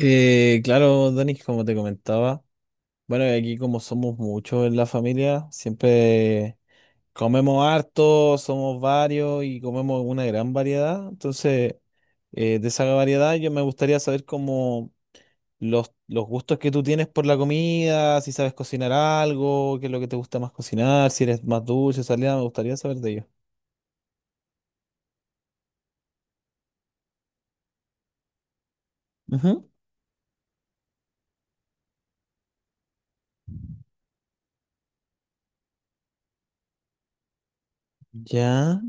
Claro, Dani, como te comentaba, bueno, y aquí como somos muchos en la familia, siempre comemos harto, somos varios y comemos una gran variedad. Entonces, de esa variedad yo me gustaría saber como los gustos que tú tienes por la comida, si sabes cocinar algo, qué es lo que te gusta más cocinar, si eres más dulce, salida, me gustaría saber de ello. Ujú. Ya,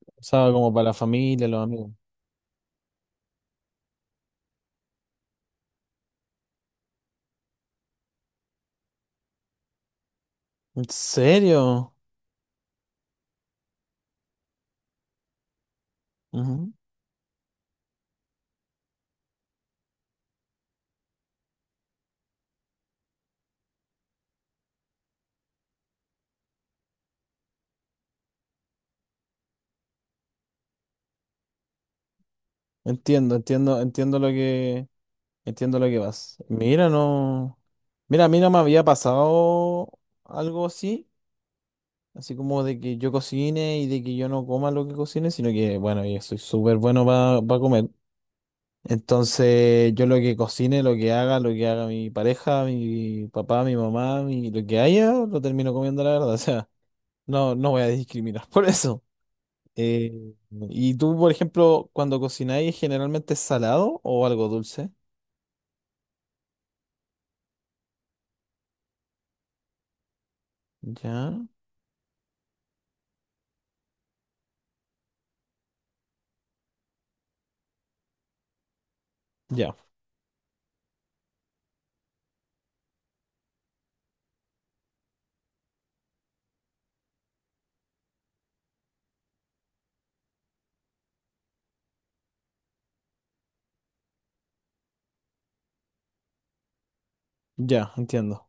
o sea, como para la familia, los amigos. ¿En serio? Entiendo, entiendo, entiendo lo que, Entiendo lo que vas. Mira, no, mira, a mí no me había pasado algo así, así como de que yo cocine y de que yo no coma lo que cocine, sino que, bueno, yo soy súper bueno para comer. Entonces, yo lo que cocine, lo que haga mi pareja, mi papá, mi mamá, lo que haya, lo termino comiendo, la verdad. O sea, no voy a discriminar por eso. Eh, ¿Y tú, por ejemplo, cuando cocináis, generalmente es salado o algo dulce? Ya, ya, ya, Entiendo.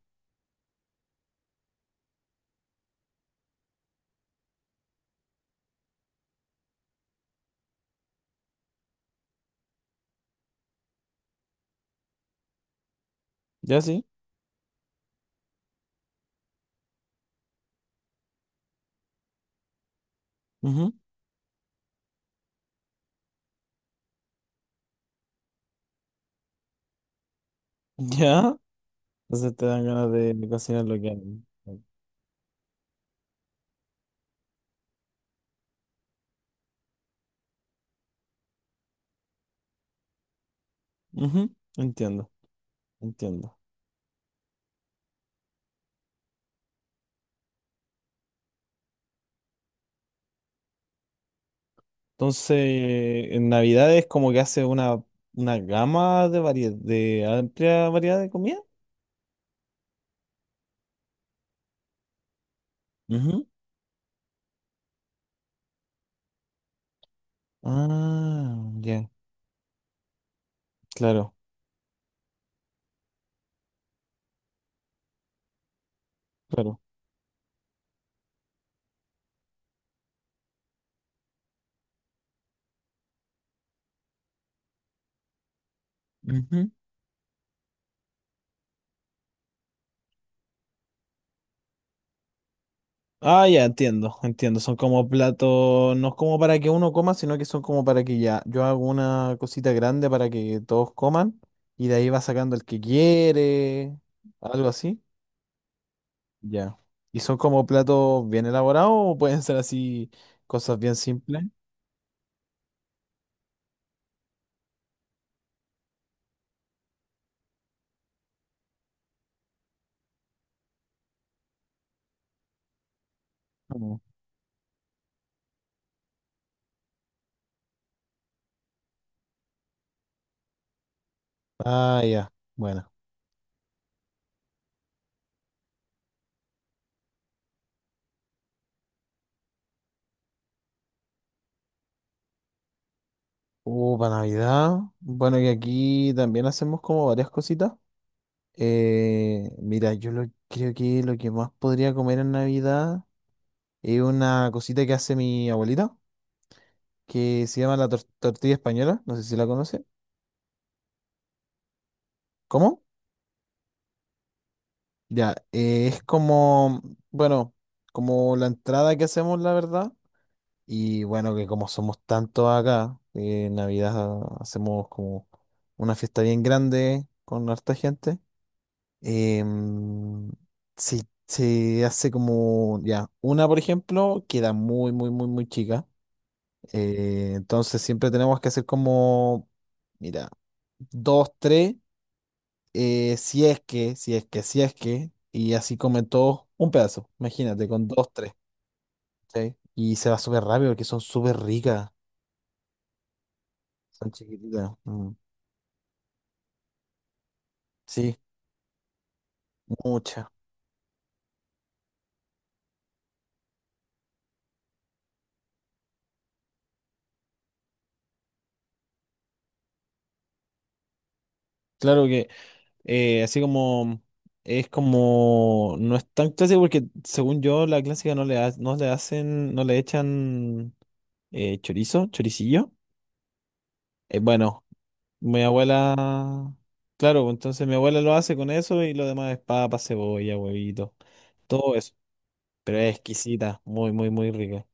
Ya, sí. Ujú. Ya. Entonces te dan ganas de cocinar lo que han- Ujú. Entiendo, entiendo. Entonces, en Navidad es como que hace una gama de variedad, de amplia variedad de comida. Ujú. Ah, ya, claro, claro. Ah, ya, entiendo, entiendo. Son como platos, no es como para que uno coma, sino que son como para que ya, yo hago una cosita grande para que todos coman y de ahí va sacando el que quiere, algo así. Ya. ¿Y son como platos bien elaborados o pueden ser así cosas bien simples? Mm. Ah, ya, bueno. Para Navidad. Bueno, que aquí también hacemos como varias cositas. Mira, creo que lo que más podría comer en Navidad. Es una cosita que hace mi abuelita, que se llama la tortilla española, no sé si la conoce. ¿Cómo? Ya, es como, bueno, como la entrada que hacemos, la verdad. Y bueno, que como somos tantos acá, en Navidad hacemos como una fiesta bien grande con harta gente. Em, se, se hace como, ya, una, por ejemplo, queda muy, muy, muy, muy chica. Entonces siempre tenemos que hacer como, mira, dos, tres, si es que, y así comen todos un pedazo, imagínate, con dos, tres, ¿sí? Y se va súper rápido porque son súper ricas, son chiquititas, mm, sí, muchas. Claro que así como es como, no es tan clásico porque según yo la clásica no le hacen, no le echan chorizo, choricillo. Bueno. Mi abuela, claro, pues, entonces mi abuela lo hace con eso y lo demás es papa, cebolla, huevito, todo eso. Pero es exquisita, muy, muy, muy rica.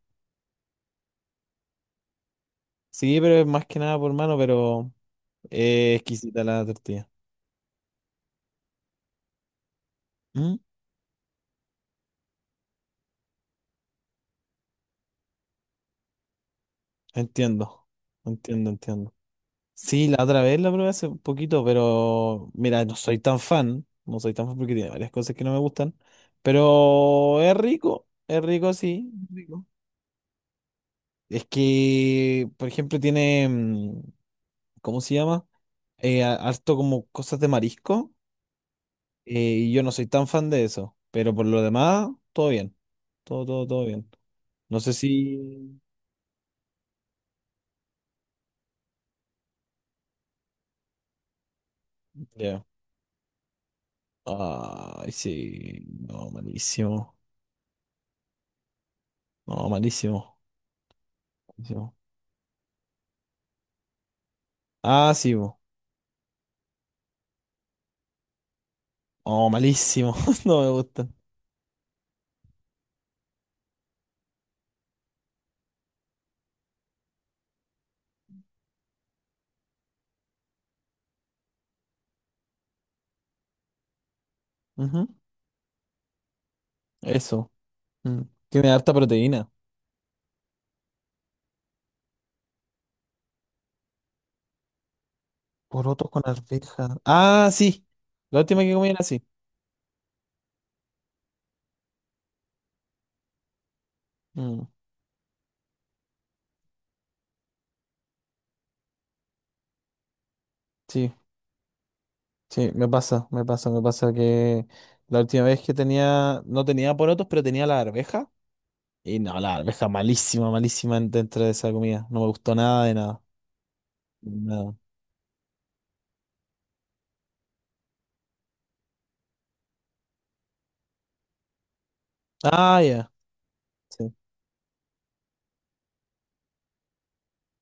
Sí, pero es más que nada por mano, pero es exquisita la tortilla. ¿Mm? Entiendo, entiendo, entiendo. Sí, la otra vez la probé hace un poquito, pero mira, no soy tan fan, no soy tan fan porque tiene varias cosas que no me gustan, pero es rico, sí, es rico. Es que, por ejemplo, ¿cómo se llama? Harto como cosas de marisco. eh, y yo no soy tan fan de eso. Pero por lo demás, todo bien. Todo, todo, todo bien. No sé si. Ya. Ay, sí. No, malísimo. No, malísimo. Malísimo. Ah, sí. Bo. Oh, malísimo. No me gustan. Ujú. Eso. Mm. Tiene harta proteína. Porotos con arveja. Ah, sí. La última que comí era así. Mm. Sí. Sí, me pasa que la última vez que tenía, no tenía porotos, pero tenía la arveja. Y no, la arveja malísima, dentro de esa comida. No me gustó nada de nada. Nada. Ah, ya. Sí.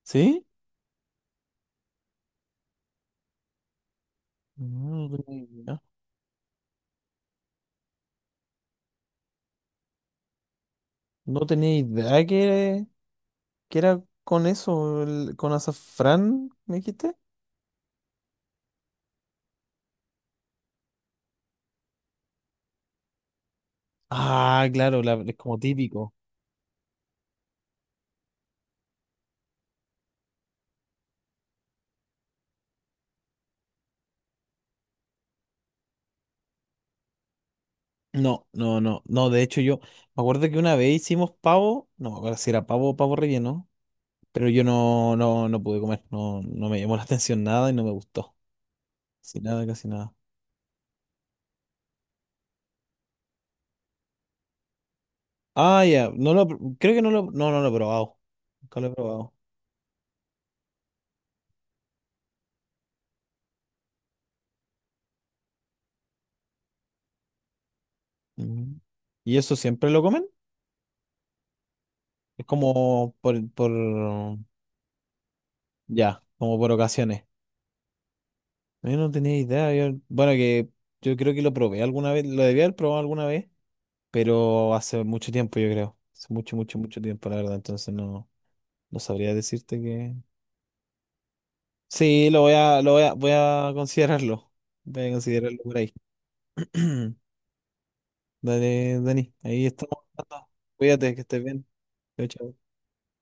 ¿Sí? No tenía idea. No tenía idea que, que era con eso, con azafrán, ¿me dijiste? Ah, claro, es como típico. No, no, no, no. De hecho, yo me acuerdo que una vez hicimos pavo, no me acuerdo si era pavo o pavo relleno. Pero yo no pude comer, no, no me llamó la atención nada y no me gustó. Casi nada, casi nada. Ah, ya, no lo, pr- Creo que no lo he probado. Nunca lo he probado. Ujú. ¿Y eso siempre lo comen? Es como ya, como por ocasiones. Yo no tenía idea. Bueno, que yo creo que lo probé alguna vez, lo debía haber probado alguna vez, pero hace mucho tiempo, yo creo. Hace mucho, mucho, mucho tiempo, la verdad. Entonces no, no sabría decirte que, sí, voy a considerarlo. Voy a considerarlo por ahí. Dale, Dani, ahí estamos hablando. Cuídate, que estés bien. Chao, chao.